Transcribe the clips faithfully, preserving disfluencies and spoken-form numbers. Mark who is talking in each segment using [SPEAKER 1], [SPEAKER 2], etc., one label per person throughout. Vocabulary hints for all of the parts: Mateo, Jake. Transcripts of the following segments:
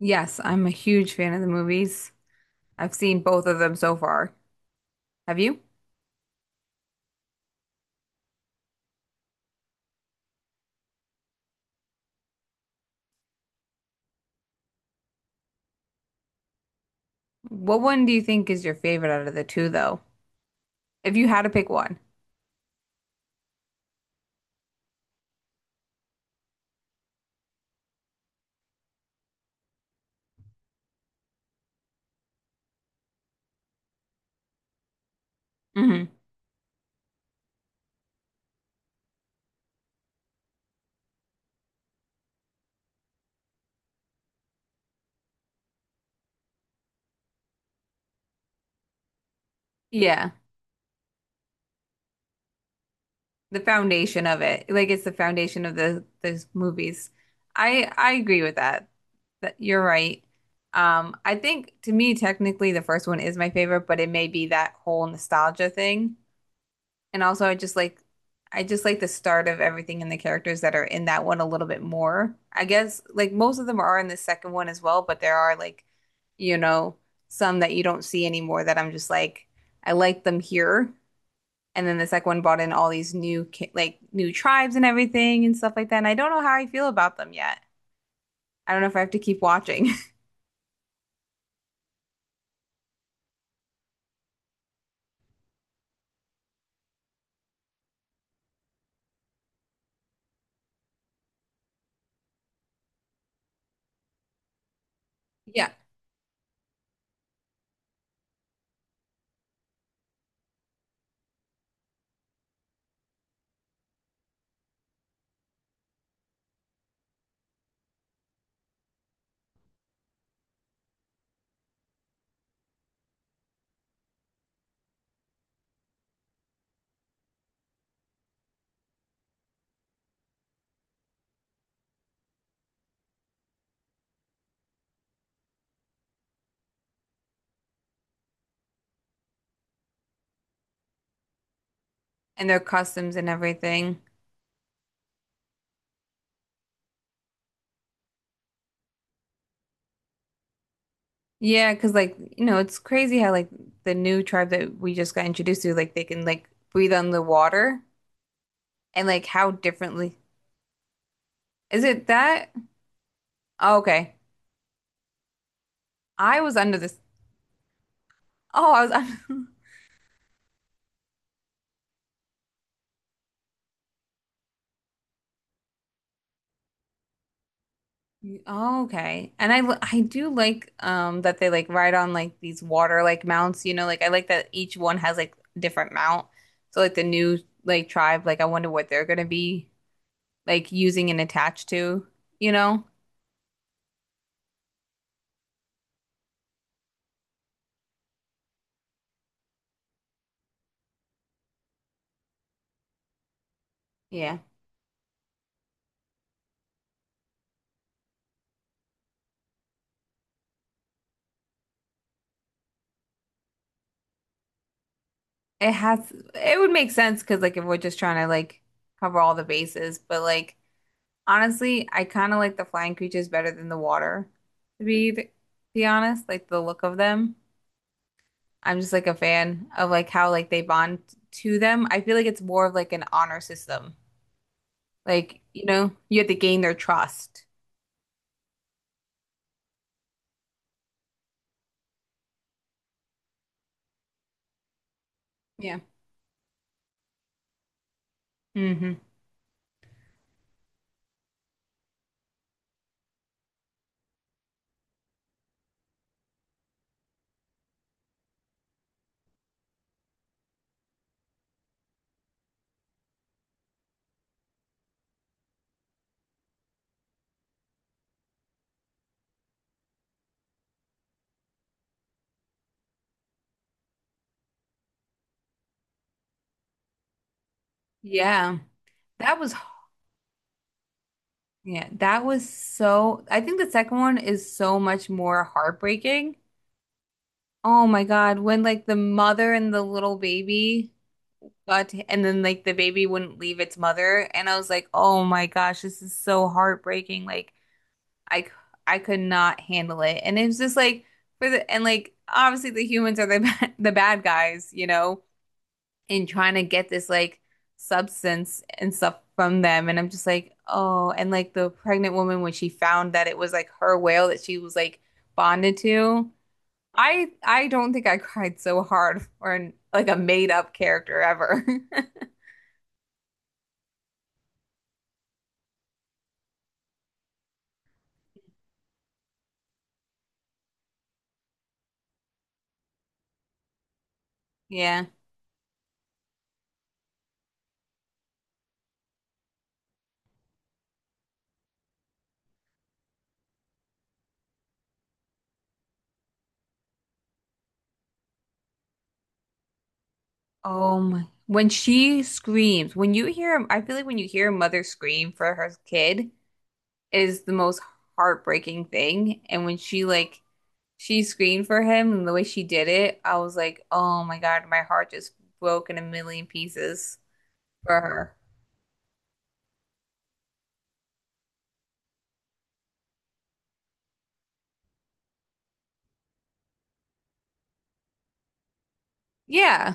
[SPEAKER 1] Yes, I'm a huge fan of the movies. I've seen both of them so far. Have you? What one do you think is your favorite out of the two, though? If you had to pick one. hmm Yeah, the foundation of it. Like it's the foundation of the those movies. I I agree with that. That you're right. Um, I think to me, technically, the first one is my favorite, but it may be that whole nostalgia thing. And also I just like I just like the start of everything and the characters that are in that one a little bit more. I guess like most of them are in the second one as well, but there are like, you know, some that you don't see anymore that I'm just like, I like them here. And then the second one brought in all these new ki- like new tribes and everything and stuff like that. And I don't know how I feel about them yet. I don't know if I have to keep watching. Yeah. And their customs and everything. Yeah, because like, you know, it's crazy how like the new tribe that we just got introduced to, like they can like breathe on the water and like how differently is it that? Oh, okay. I was under this. Oh, I was under... Oh, okay. And I li- I do like um that they like ride on like these water like mounts, you know, like I like that each one has like different mount. So like the new like tribe, like I wonder what they're gonna be like using and attached to, you know? Yeah. It has, it would make sense because, like, if we're just trying to, like, cover all the bases, but, like, honestly, I kind of like the flying creatures better than the water, to be, to be honest, like, the look of them. I'm just, like, a fan of, like, how, like, they bond to them. I feel like it's more of, like, an honor system. Like, you know, you have to gain their trust. Yeah. hmm Yeah. That was, yeah, that was so, I think the second one is so much more heartbreaking. Oh my God, when like the mother and the little baby got and then like the baby wouldn't leave its mother and I was like, "Oh my gosh, this is so heartbreaking." Like I c- I could not handle it. And it was just like for the and like obviously the humans are the ba- the bad guys, you know, in trying to get this like substance and stuff from them and I'm just like, "Oh." And like the pregnant woman when she found that it was like her whale that she was like bonded to. I I don't think I cried so hard for an, like a made up character ever. Yeah. Oh my. When she screams, when you hear, I feel like when you hear a mother scream for her kid is the most heartbreaking thing. And when she like she screamed for him and the way she did it, I was like, oh my God, my heart just broke in a million pieces for her. Yeah.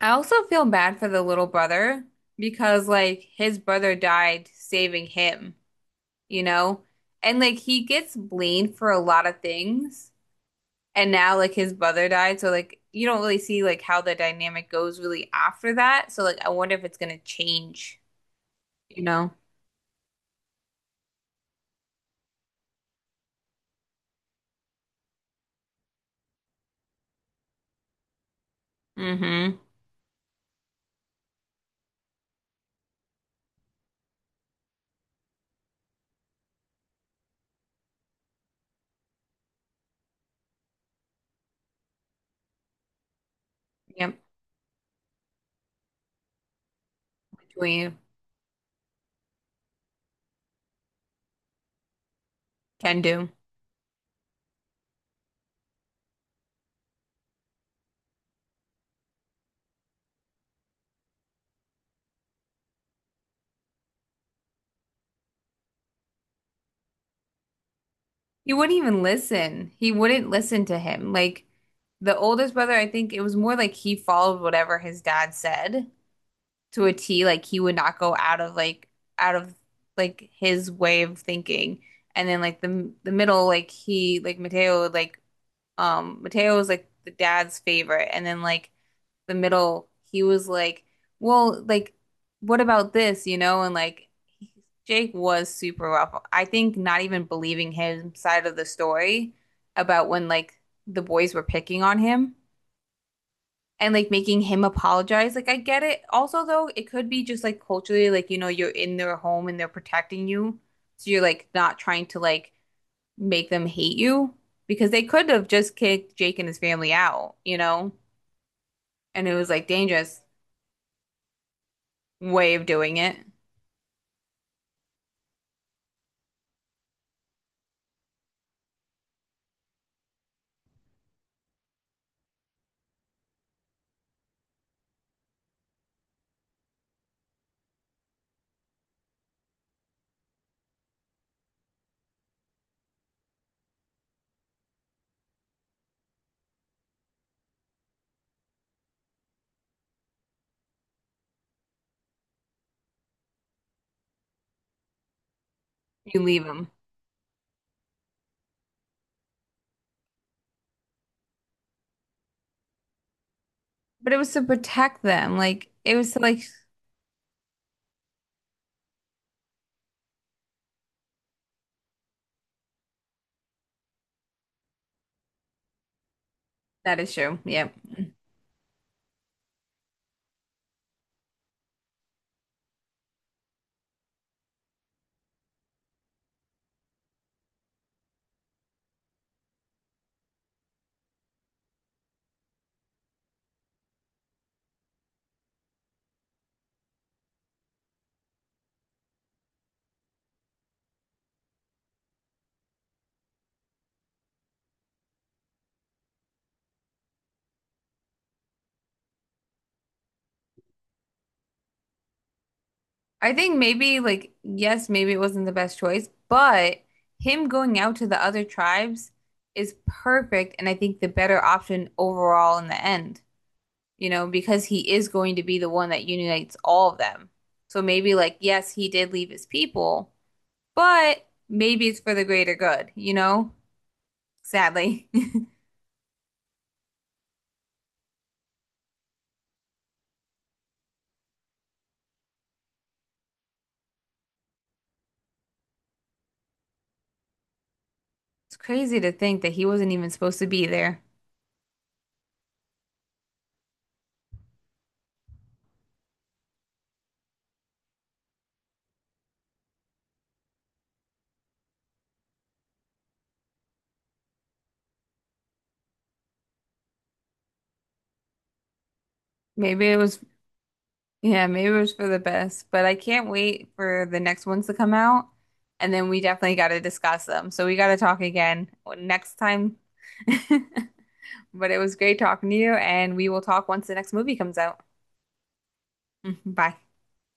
[SPEAKER 1] I also feel bad for the little brother because like his brother died saving him. You know? And like he gets blamed for a lot of things. And now like his brother died, so like you don't really see like how the dynamic goes really after that. So like I wonder if it's gonna change, you know? Mm-hmm. Yep. Between can do. He wouldn't even listen. He wouldn't listen to him. Like the oldest brother, I think it was more like he followed whatever his dad said to a T. Like he would not go out of like out of like his way of thinking. And then like the the middle, like he like Mateo would, like um Mateo was like the dad's favorite. And then like the middle, he was like, well, like what about this, you know? And like Jake was super rough. I think not even believing his side of the story about when like the boys were picking on him and like making him apologize. Like I get it. Also though, it could be just like culturally, like you know, you're in their home and they're protecting you. So you're like not trying to like make them hate you because they could have just kicked Jake and his family out, you know? And it was like dangerous way of doing it. You leave him. But it was to protect them. Like it was to like that is true. Yeah, I think maybe like yes, maybe it wasn't the best choice, but him going out to the other tribes is perfect and I think the better option overall in the end, you know, because he is going to be the one that unites all of them. So maybe like yes, he did leave his people, but maybe it's for the greater good, you know? Sadly. It's crazy to think that he wasn't even supposed to be there. Maybe it was yeah, maybe it was for the best, but I can't wait for the next ones to come out. And then we definitely got to discuss them. So we got to talk again next time. But it was great talking to you, and we will talk once the next movie comes out. Bye.